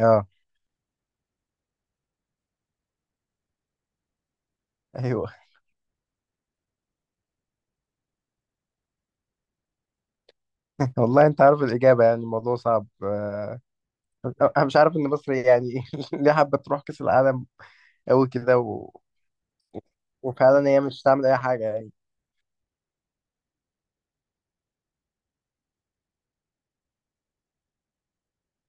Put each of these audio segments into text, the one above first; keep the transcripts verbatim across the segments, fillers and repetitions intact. اه ايوه والله انت عارف الاجابه، يعني الموضوع صعب. آه، انا مش عارف ان مصر يعني ليه حابه تروح كاس العالم قوي كده و... وفعلا هي مش هتعمل اي حاجه يعني.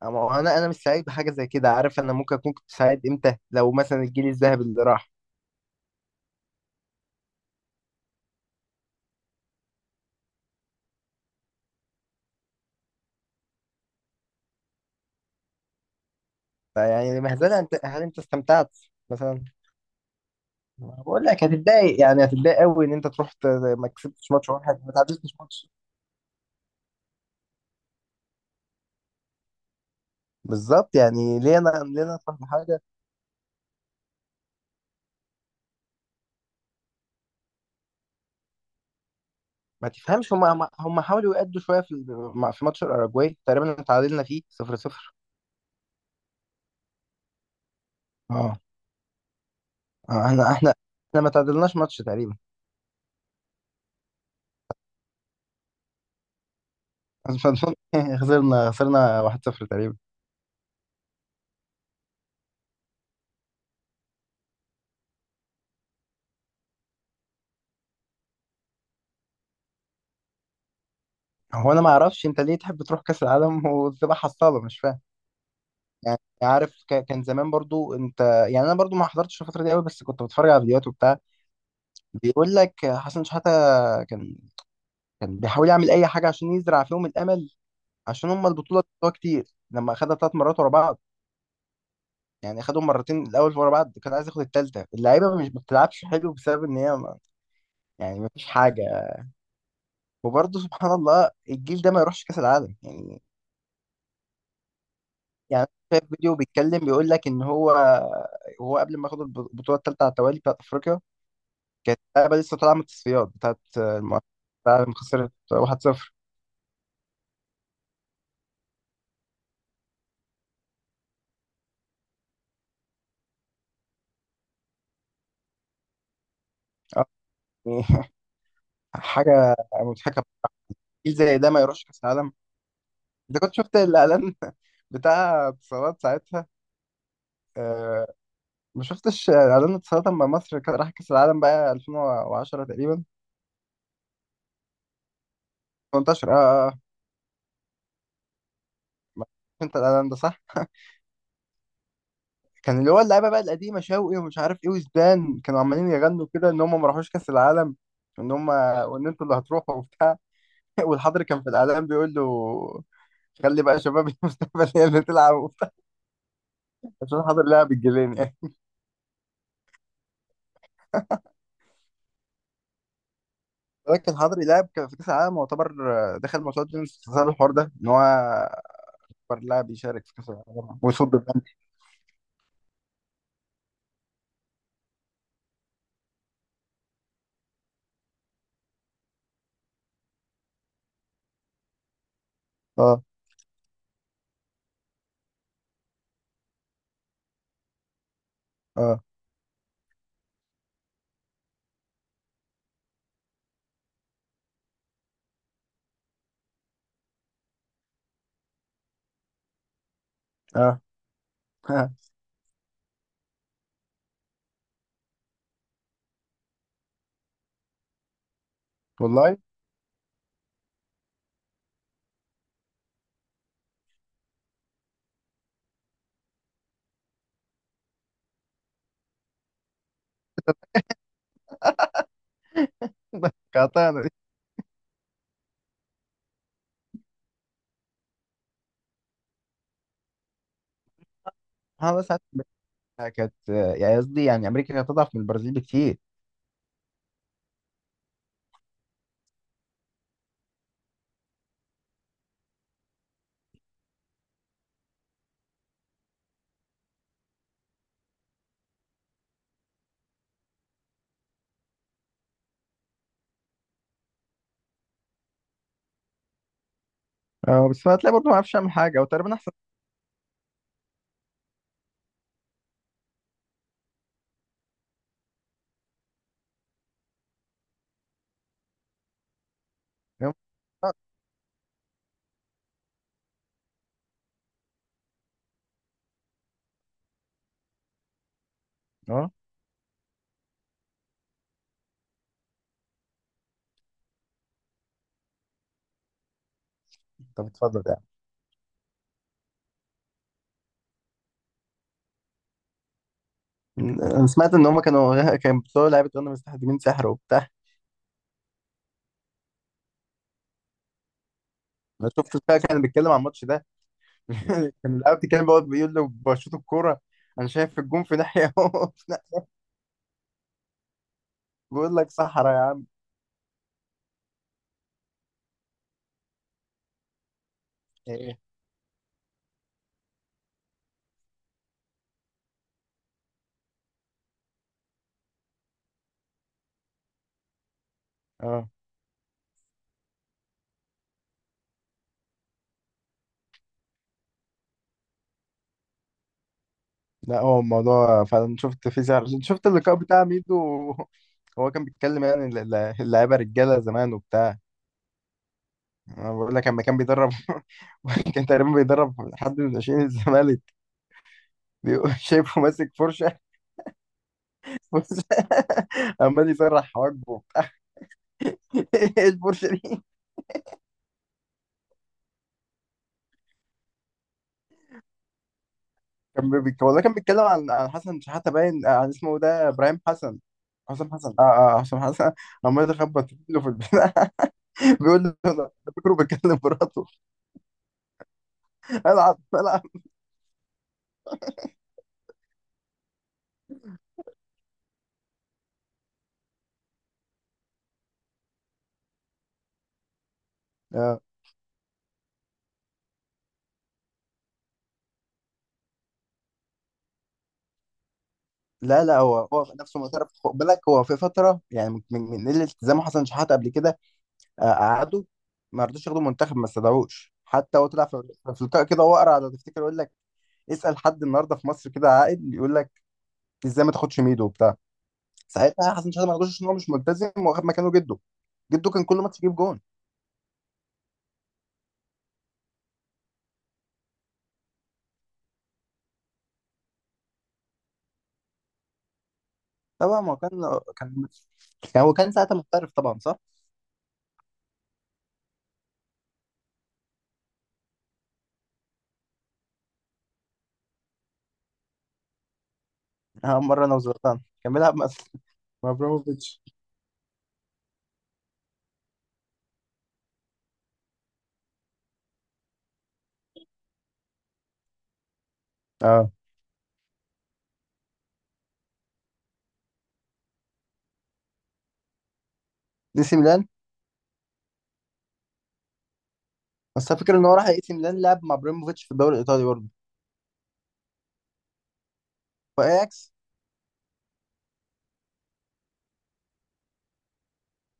أما هو انا انا مش سعيد بحاجه زي كده، عارف؟ انا ممكن اكون كنت سعيد امتى؟ لو مثلا الجيل الذهبي اللي راح، فيعني مهزله. انت هل انت استمتعت مثلا؟ بقول لك هتتضايق، يعني هتتضايق قوي ان انت تروح ت- ما كسبتش ماتش واحد ما تعادلتش ماتش. بالظبط، يعني ليه انا ليه انا أفرح بحاجه ما تفهمش؟ هم هم هم حاولوا يأدوا شويه في مع- في ماتش الاراجواي تقريبا تعادلنا فيه صفر صفر. اه، آه، احنا احنا احنا ما تعادلناش ماتش تقريبا. بس ما أظن- خسرنا خسرنا واحد صفر تقريبا. هو انا ما اعرفش انت ليه تحب تروح كاس العالم وتبقى حصاله، مش فاهم يعني. عارف ك- كان زمان برضو انت، يعني انا برضو ما حضرتش الفتره دي قوي، بس كنت بتفرج على فيديوهات وبتاع. بيقول لك حسن شحاته كان كان بيحاول يعمل اي حاجه عشان يزرع فيهم الامل، عشان هم البطوله بتوعها كتير لما اخدها ثلاث مرات ورا بعض. يعني خدهم مرتين الاول ورا بعض، كان عايز ياخد التالتة. اللعيبه مش ما بتلعبش حلو بسبب ان هي ما، يعني ما فيش حاجه. وبرضه سبحان الله الجيل ده ما يروحش كاس العالم يعني. يعني شايف فيديو بيتكلم، بيقول لك ان هو هو قبل ما ياخد الب- البطوله الثالثه على التوالي بتاعت افريقيا كانت اللعيبه لسه طالعه من التصفيات بتاعت المؤسسه، العالم خسرت واحد صفر. آه، يعني حاجه مضحكه. جيل زي ده ما يروحش كاس العالم! انت كنت شفت الاعلان بتاع اتصالات ساعتها؟ آه، ما شفتش اعلان السلطه، مع مصر كان راح كاس العالم بقى ألفين وعشرة تقريبا. ثمانية عشر، اه اه. ما- انت الاعلان ده صح كان اللي هو اللعيبه بقى القديمه شوقي ومش عارف ايه وزدان كانوا عمالين يغنوا كده ان هم ما راحوش كاس العالم، وان هم وان انتوا اللي هتروحوا وبتاع. والحضري كان في الاعلان بيقول له: خلي بقى شباب المستقبل هي اللي تلعب وبتاع. عشان الحضري لعب الجيلين يعني. لكن الحضري لعب، كان في كاس العالم يعتبر آه، دخل ماتشات جيمس بسبب الحوار ده ان هو اكبر لاعب يشارك في كاس العالم ويصد البنك. اه اه اه. والله. قاطعنا دي. محمد ساعات كانت، يعني قصدي يعني امريكا كانت اضعف من البرازيل بكتير. اه بس هتلاقي برضه ما عرفش يعمل حاجه او تقريبا احسن. اه، طب اتفضل يعني. انا سمعت ان هم كانوا كان بتوع لعيبه غانا مستخدمين سحر وبتاع. انا شفت بقى كان بيتكلم عن الماتش ده. كان اللاعب بيتكلم بيقعد بيقول له بشوط الكوره انا شايف الجون في ناحيه وهو في ناحية. بيقول لك صحرا يا عم. ايه، اه. لا، هو الموضوع فعلا شفت في زعل، شفت اللقاء بتاع ميدو. هو كان بيتكلم، يعني ال- ال- اللعيبه رجاله زمان وبتاع. انا بقول لك لما كان بيدرب كان تقريبا بيدرب حد من ناشئين الزمالك، بيقول شايفه ماسك فرشه فرشه. عمال يسرح حواجبه وبتاع. ايه الفرشه دي؟ كان بي... بي- والله كان بيتكلم عن عن حسن شحاته، باين آه، عن اسمه ده ابراهيم حسن. حسام حسن. اه اه، حسام حسن. عمال يخبط له في البتاع. بيقول له انا فاكره بيتكلم مراته. العب العب. آه. لا لا، هو هو في نفسه معترف، خد بالك. هو في فتره يعني من من من قله التزامه، حسن شحاته قبل كده آه، قعدوا ما رضوش ياخدوا المنتخب، ما استدعوش. حتى هو طلع في في لقاء كده، هو قرع، لو تفتكر يقول لك: اسال حد النهارده في مصر كده عاقل يقول لك ازاي ما تاخدش ميدو وبتاع. ساعتها حسن شحاته ما رضوش عشان هو مش ملتزم، واخد مكانه جده. جده كان كل ماتش يجيب جون. طبعا ما هو كان كان يعني هو كان ساعتها محترف طبعا، صح؟ آه، مره انا وزرتان كان بيلعب مع مع ابراهيموفيتش. اه، نسي ميلان. بس أنا فاكر ان هو راح اي سي ميلان لعب مع ابراهيموفيتش في الدوري الايطالي برضه. واياكس.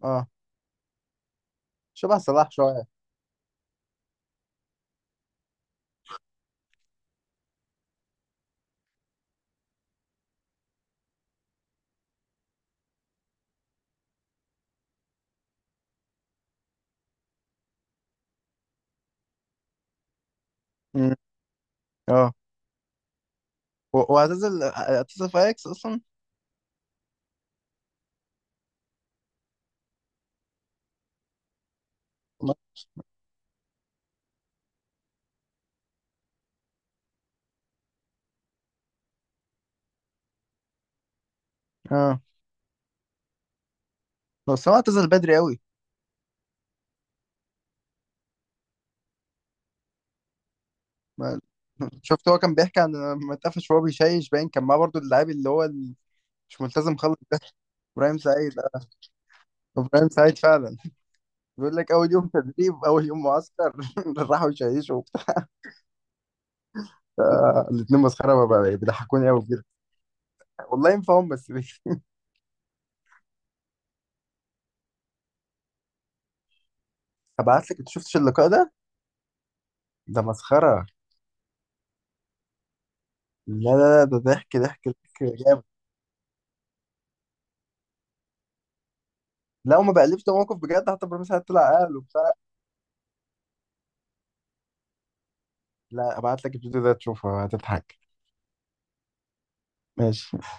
اه، شبه صلاح شويه. مم. اه و- واعتزل اعتزل في اياكس اصلا. ما- اه بس هو اعتزل بدري قوي. ما... شفت هو كان بيحكي عن لما اتقفش وهو بيشيش، باين كان معاه برضه اللاعب اللي هو ال- مش ملتزم خالص ده، ابراهيم سعيد. اه، ابراهيم سعيد فعلا. بيقول لك اول يوم تدريب، اول يوم معسكر راحوا يشيشوا وبتاع. آه، الاتنين مسخره بقى بيضحكوني قوي بجد. والله ينفعهم، بس ليه؟ هبعت لك، انت شفتش اللقاء ده؟ ده مسخره. لا لا لا، ده ضحك ضحك ضحك جامد. لو ما بقلبش ده موقف بجد، حتى بروفيسور طلع قال وبتاع. لا، ابعت لك الفيديو ده تشوفه هتضحك. ماشي.